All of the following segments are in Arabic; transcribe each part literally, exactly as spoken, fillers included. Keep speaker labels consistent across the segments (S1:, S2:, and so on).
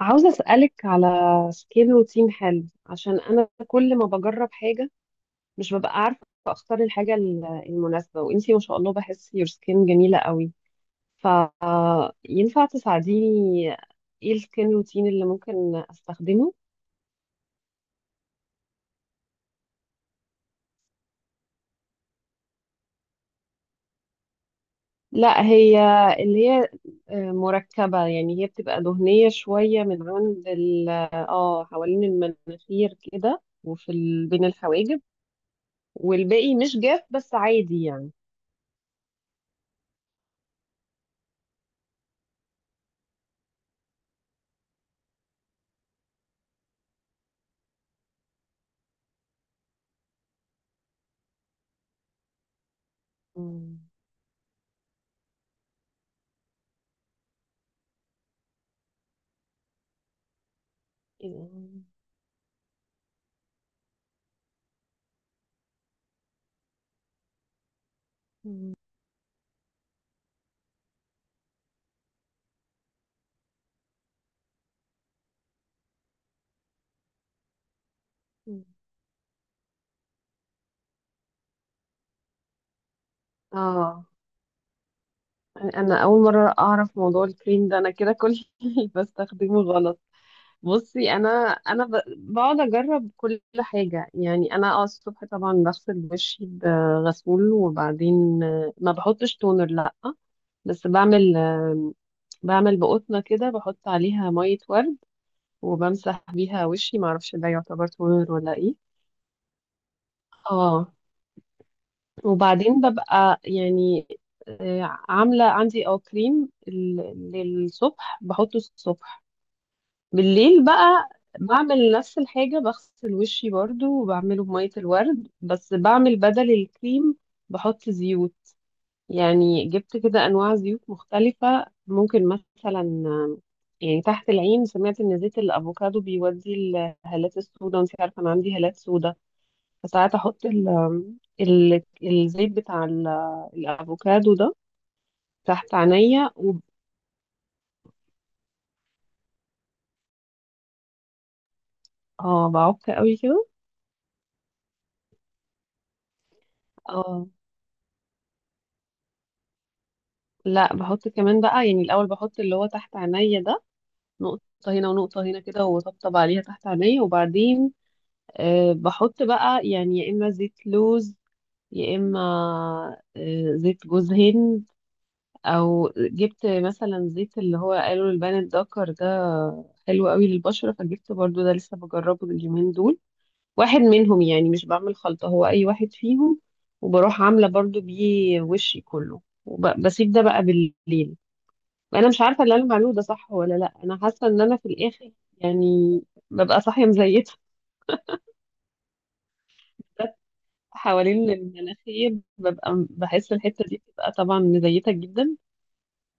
S1: عاوزة أسألك على سكيل روتين حلو عشان أنا كل ما بجرب حاجة مش ببقى عارفة أختار الحاجة ال- المناسبة، وإنتي ما شاء الله بحس يور سكين جميلة قوي، فينفع تساعديني؟ إيه السكين روتين اللي ممكن أستخدمه؟ لا، هي اللي هي آه، مركبة. يعني هي بتبقى دهنية شوية من عند ال اه حوالين المناخير كده، وفي ال- بين الحواجب. والباقي مش جاف، بس عادي يعني. مم. إيه. مم. مم. اه، يعني انا اول مره اعرف موضوع الكريم ده. انا كده كل اللي بستخدمه غلط. بصي، انا انا ب- بقعد اجرب كل حاجه. يعني انا اه الصبح طبعا بغسل وشي بغسول، وبعدين آه، ما بحطش تونر، لا. بس بعمل آم، بعمل بقطنه كده، بحط عليها ميه ورد وبمسح بيها وشي، ما اعرفش ده يعتبر تونر ولا ايه. اه. وبعدين ببقى يعني آه، عاملة عندي اه كريم ال- للصبح، بحطه الصبح. بالليل بقى بعمل نفس الحاجة، بغسل وشي برضو وبعمله بمية الورد، بس بعمل بدل الكريم بحط زيوت. يعني جبت كده أنواع زيوت مختلفة. ممكن مثلا آه، يعني تحت العين، سمعت إن زيت الأفوكادو بيودي الهالات السوداء، وانت عارفة أنا عندي هالات سوداء. فساعات احط ال ال الزيت بتاع ال- الافوكادو ده تحت عينيا وب- اه بعك قوي كده. اه، لا بحط كمان بقى، يعني الاول بحط اللي هو تحت عينيا ده، نقطة هنا ونقطة هنا كده، وطبطب عليها تحت عينيا. وبعدين أه بحط بقى، يعني يا اما زيت لوز، يا اما آه، زيت جوز هند، او جبت مثلا زيت اللي هو قالوا البان الدكر ده، حلو قوي للبشرة، فجبت برضو ده لسه بجربه اليومين دول. واحد منهم يعني، مش بعمل خلطة، هو أي واحد فيهم، وبروح عاملة برضو بيه وشي كله وبسيب ده بقى بالليل. أنا مش عارفة اللي أنا بعمله ده صح ولا لأ. أنا حاسة إن أنا في الآخر يعني ببقى صاحية مزيتة. حوالين المناخير ببقى، م- بحس الحتة دي بتبقى طبعا مزيتة جدا.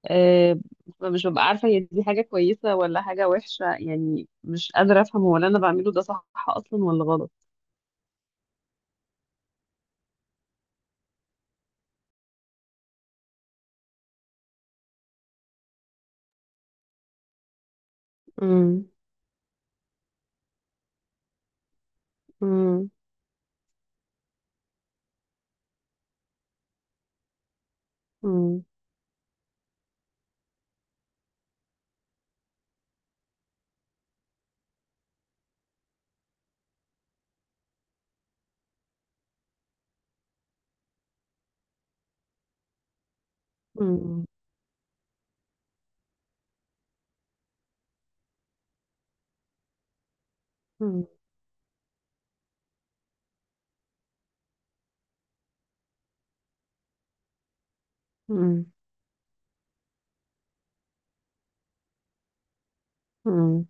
S1: أه، فمش ببقى عارفة هي دي حاجة كويسة ولا حاجة وحشة. يعني مش قادرة أفهم هو اللي أنا بعمله ده صح أصلا ولا غلط. امم. امم. امم. مم. مم.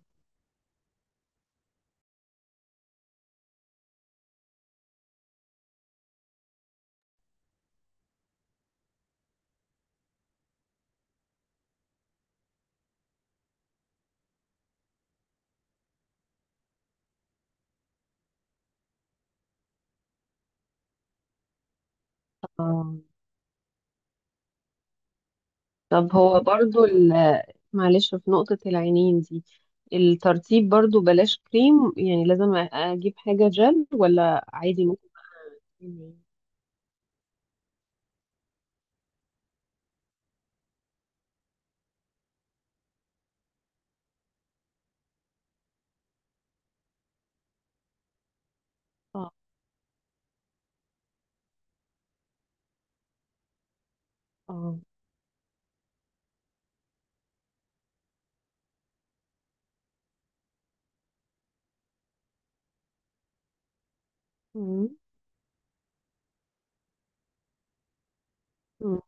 S1: آه. طب، هو برضو ال- معلش، في نقطة العينين دي، الترطيب برضو بلاش كريم؟ يعني لازم أجيب حاجة جل، ولا عادي ممكن كريم؟ اه. اه. مم. مم.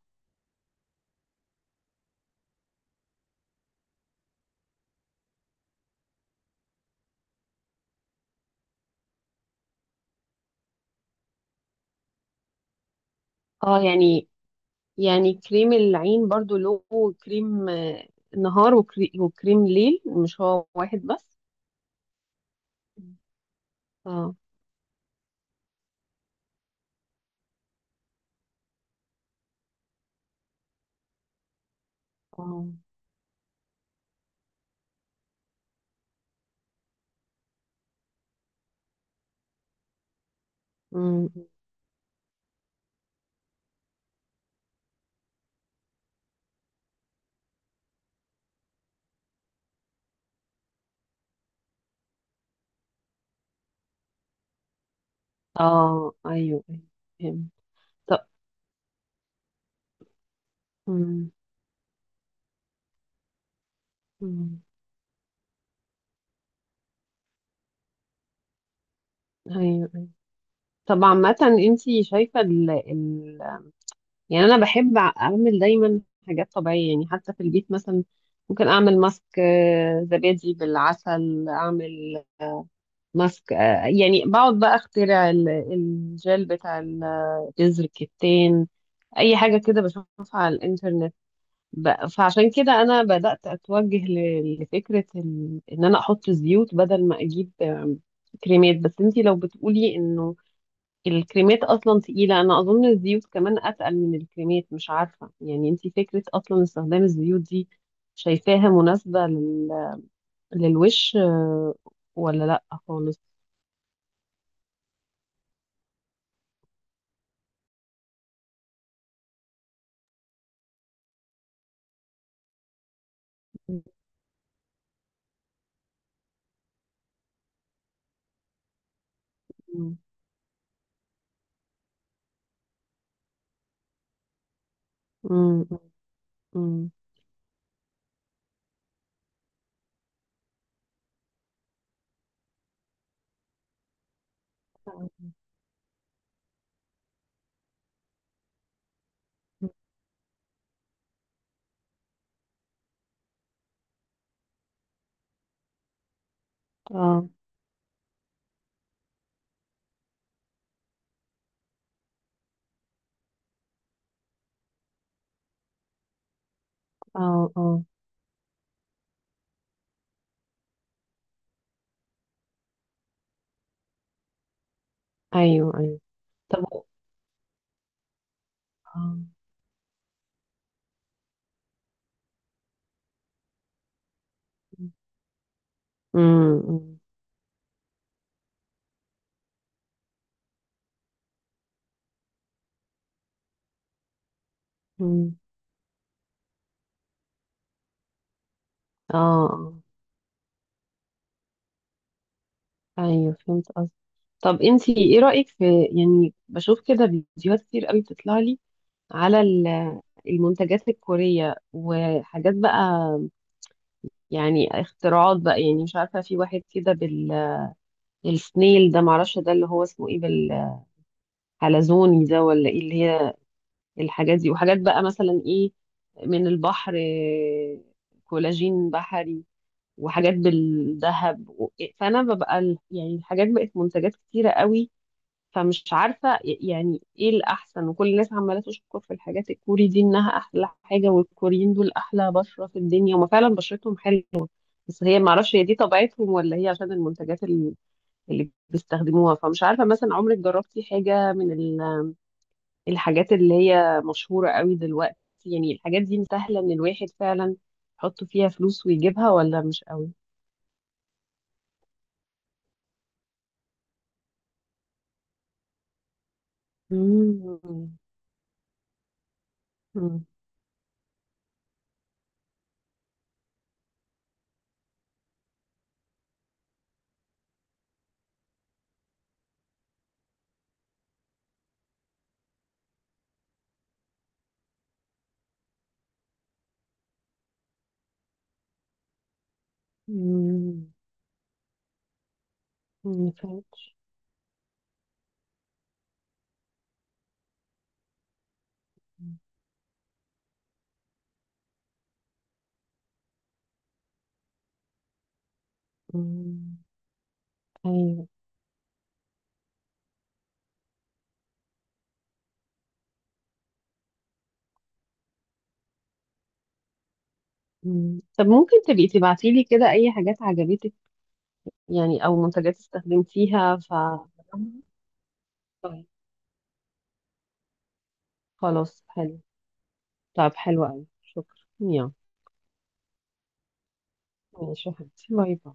S1: اه، يعني يعني كريم العين برضو له كريم آه، نهار، وكري- وكريم ليل، مش هو واحد بس؟ مم. اه. اه. مم. اه، ايوه، أيوة، فهمت. طب. مم. مم. ايوه، أيوة. طب عامة، انتي شايفة، ال ال يعني انا بحب اعمل دايما حاجات طبيعية. يعني حتى في البيت مثلا ممكن اعمل ماسك آه، زبادي بالعسل، اعمل ماسك آه، يعني بقعد بقى اخترع ال- الجل بتاع ال- جذر الكتان، اي حاجة كده بشوفها على الانترنت. ب- فعشان كده انا بدأت اتوجه ل- لفكرة ال- ان انا احط زيوت بدل ما اجيب آم، كريمات. بس انتي لو بتقولي انه الكريمات اصلا تقيله، انا اظن الزيوت كمان اتقل من الكريمات، مش عارفه يعني. انتي فكره اصلا استخدام الزيوت دي شايفاها مناسبه لل... للوش، آه، ولا لا خالص؟ مم. مم. مم. اه. اه. اه. ايوه. ايوه. طب. اه. امم. امم. اه. آه. ايوه، فهمت قصدك. طب انتي ايه رأيك في، يعني بشوف كده فيديوهات كتير قوي بتطلع لي على ال- المنتجات الكورية وحاجات بقى. يعني اختراعات بقى، يعني مش عارفة، في واحد كده بال- بالسنيل ده، معرفش ده اللي هو اسمه ايه، بالحلزوني ده ولا ايه، اللي هي الحاجات دي. وحاجات بقى مثلا ايه، من البحر آه، كولاجين بحري، وحاجات بالذهب، و- فانا ببقى ال- يعني الحاجات بقت منتجات كتيرة قوي، فمش عارفة يعني ايه الأحسن. وكل الناس عمالة تشكر في الحاجات الكوري دي، إنها أحلى حاجة، والكوريين دول أحلى بشرة في الدنيا. هما فعلا بشرتهم حلوة، بس هي معرفش هي دي طبيعتهم ولا هي عشان المنتجات اللي, اللي بيستخدموها. فمش عارفة مثلا، عمرك جربتي حاجة من ال- الحاجات اللي هي مشهورة قوي دلوقتي؟ يعني الحاجات دي سهلة إن الواحد فعلا يحط فيها فلوس ويجيبها، ولا مش قوي؟ مم. مم. مم. مم. مم. ايوه. مم. طب ممكن تبقي تبعتي لي كده اي حاجات عجبتك، يعني او منتجات استخدمتيها ف طيب. خلاص، حلو. طب حلو قوي، شكرا، يلا. ماشي يا حبيبتي، باي باي.